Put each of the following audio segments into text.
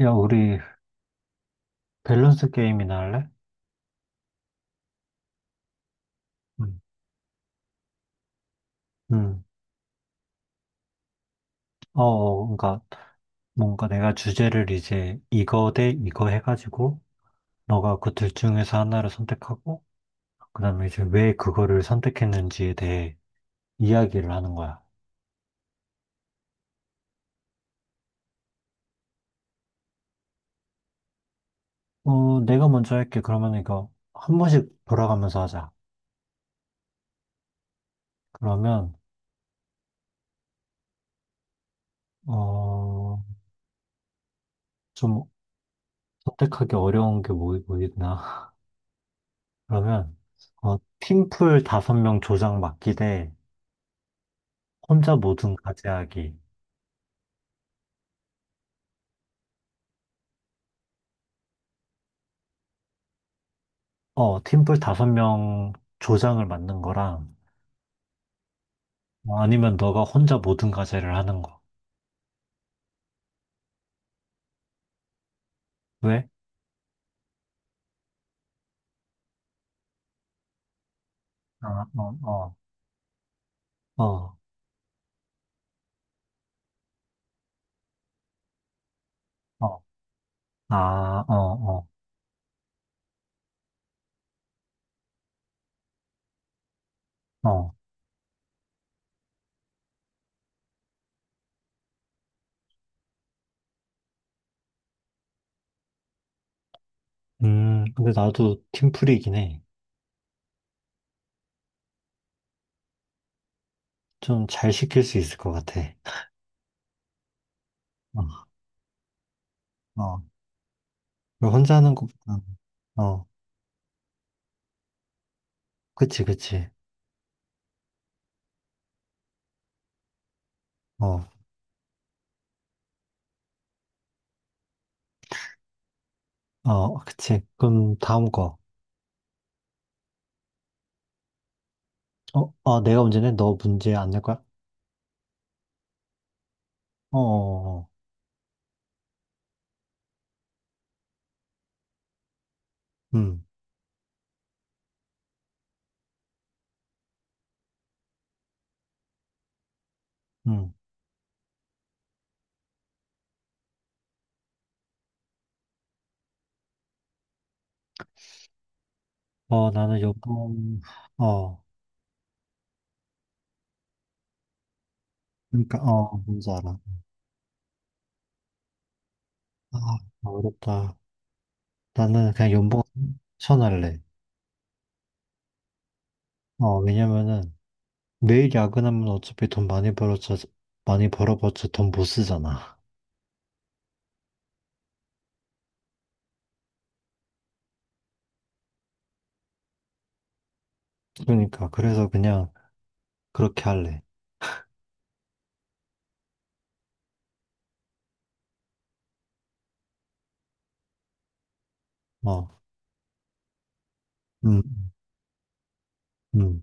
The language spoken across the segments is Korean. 야, 우리 밸런스 게임이나 할래? 응. 응. 그러니까 뭔가 내가 주제를 이제 이거 대 이거 해가지고 너가 그 둘 중에서 하나를 선택하고, 그다음에 이제 왜 그거를 선택했는지에 대해 이야기를 하는 거야. 어, 내가 먼저 할게. 그러면 이거 한 번씩 돌아가면서 하자. 그러면 어, 좀 선택하기 어려운 게 뭐 있나? 그러면 팀플 다섯 명 조장 맡기 대 혼자 모든 과제하기. 어, 팀플 다섯 명 조장을 맡는 거랑, 어, 아니면 너가 혼자 모든 과제를 하는 거. 왜? 아, 어, 어, 어, 어, 아, 어, 어, 어. 근데 나도 팀플이긴 해. 좀 잘 시킬 수 있을 것 같아. 어, 어. 혼자 하는 것보다는, 어, 그치, 그치. 어, 어, 그치. 그럼 다음 거. 어, 어, 내가 문제 내? 너 문제 안 낼 거야? 어, 어, 어. 음, 음. 어, 나는 요번, 어, 그러니까 어 뭔지 알아. 아 어렵다. 나는 그냥 연봉 천할래. 어, 왜냐면은 매일 야근하면 어차피 돈 많이 벌어져, 많이 벌어봤자 돈 못 쓰잖아. 그러니까 그래서 그냥 그렇게 할래. 어, 음, 음.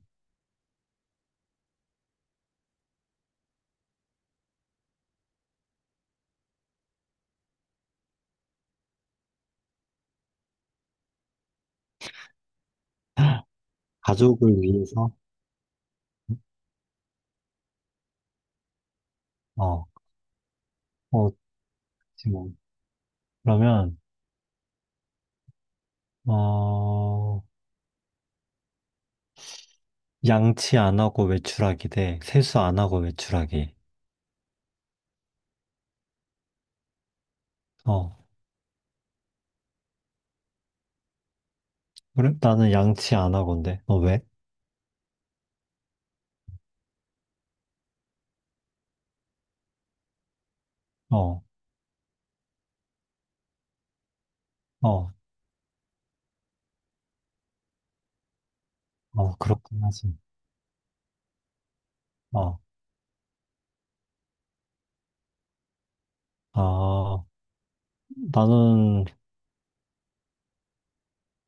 가족을 위해서. 어, 어, 지금 뭐. 그러면 어 양치 안 하고 외출하기 대 세수 안 하고 외출하기. 어 그래, 나는 양치 안 하건데. 너 왜? 어 어. 어, 그렇긴 하지. 어, 아, 나는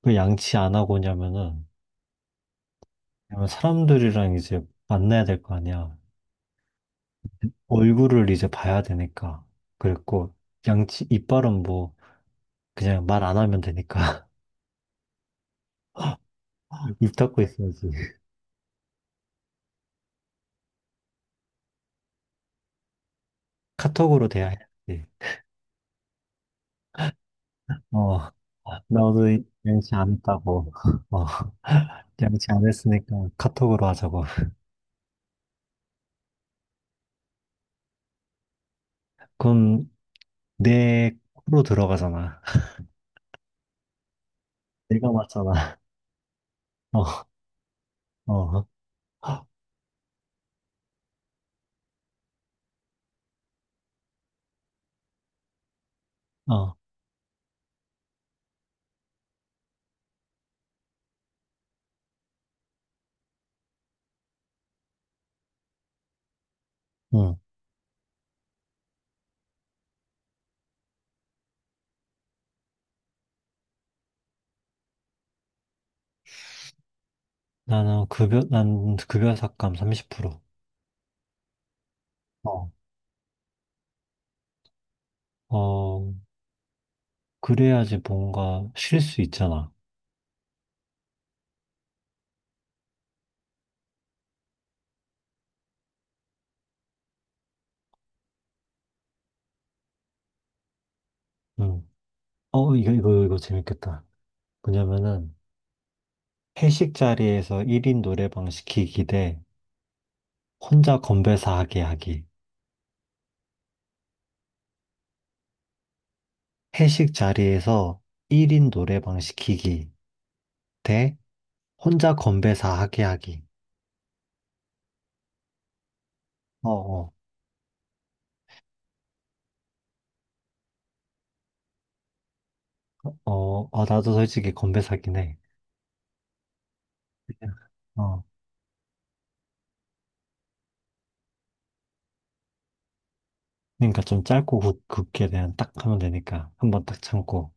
왜 양치 안 하고 오냐면은, 왜냐면 사람들이랑 이제 만나야 될 거 아니야. 얼굴을 이제 봐야 되니까. 그랬고, 양치, 이빨은 뭐, 그냥 말 안 하면 되니까. 입 닫고 있어야지. 카톡으로 돼야 해야지. 어, 나 오늘 양치 안 했다고. 어, 양치 안 했으니까 카톡으로 하자고. 그럼 내 코로 들어가잖아. 내가 맞잖아. 어, 어. 어. 응, 나는 난 급여 삭감 30%. 어, 어, 그래야지 뭔가 쉴 수 있잖아. 응. 어, 이거 재밌겠다. 뭐냐면은, 회식 자리에서 1인 노래방 시키기 대 혼자 건배사 하게 하기. 회식 자리에서 1인 노래방 시키기 대 혼자 건배사 하게 하기. 어, 어, 어, 어, 나도 솔직히 건배사긴 해. 그냥, 어. 그러니까 좀 짧고 굵게 그냥 딱 하면 되니까. 한번 딱 참고.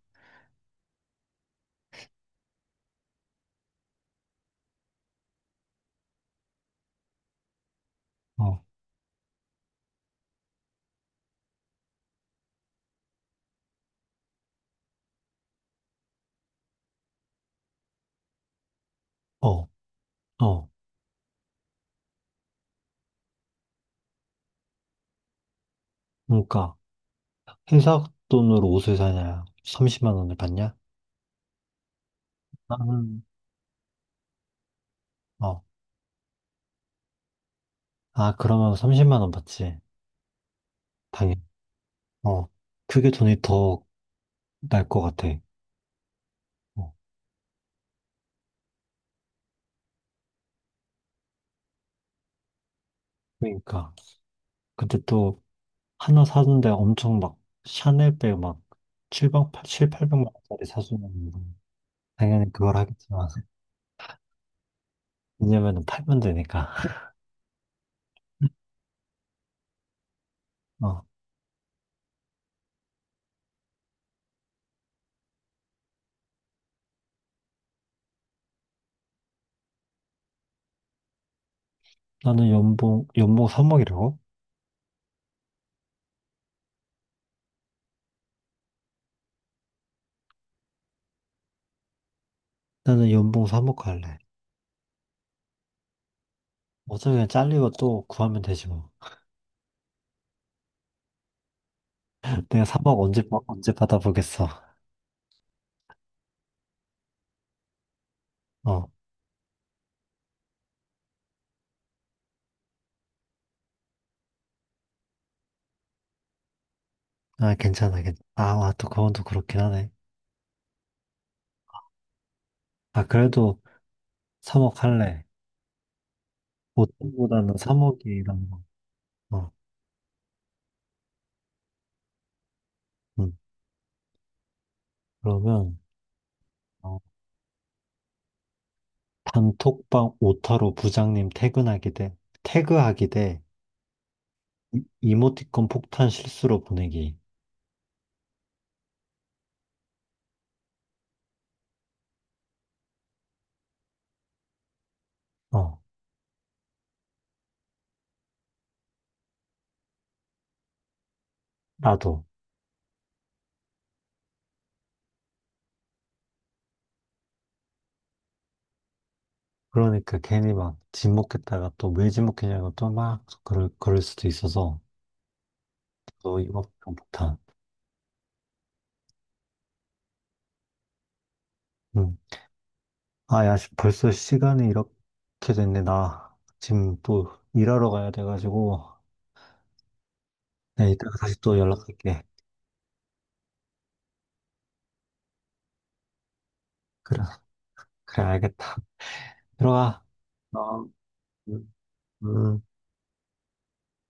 어, 어, 어. 그러니까 회사 돈으로 옷을 사냐? 30만 원을 받냐? 나는 어. 아, 그러면 30만 원 받지. 당연히. 어. 그게 돈이 더 날 것 같아. 어. 그러니까. 근데 또 하나 사는데 엄청 막 샤넬백 막7백 칠, 팔 800만 원짜리 사주면 당연히 그걸 하겠지만. 왜냐면은 팔면 되니까. 어. 나는 연봉, 연봉 삼억이라고, 나는 연봉 삼억 할래. 어차피 그냥 잘리고 또 구하면 되지 뭐. 내가 3억 언제, 언제 받아보겠어. 어, 아, 괜찮아, 괜찮아. 아, 와, 또 그건 또 그렇긴 하네. 아, 그래도 3억 할래. 보통보다는 3억이란 거. 어, 음. 그러면, 어, 단톡방 오타로 부장님 퇴근하기 대, 태그하기 대, 이모티콘 폭탄 실수로 보내기. 어, 나도. 그러니까 괜히 막 지목했다가 또 왜 지목했냐고 또 막 그럴 수도 있어서, 또 이모티콘 폭탄. 음. 아, 야, 씨, 벌써 시간이 이렇게 됐네. 나 지금 또 일하러 가야 돼가지고. 네, 이따가 다시 또 연락할게. 그래, 그래, 알겠다. 들어가. 어, 음. 음.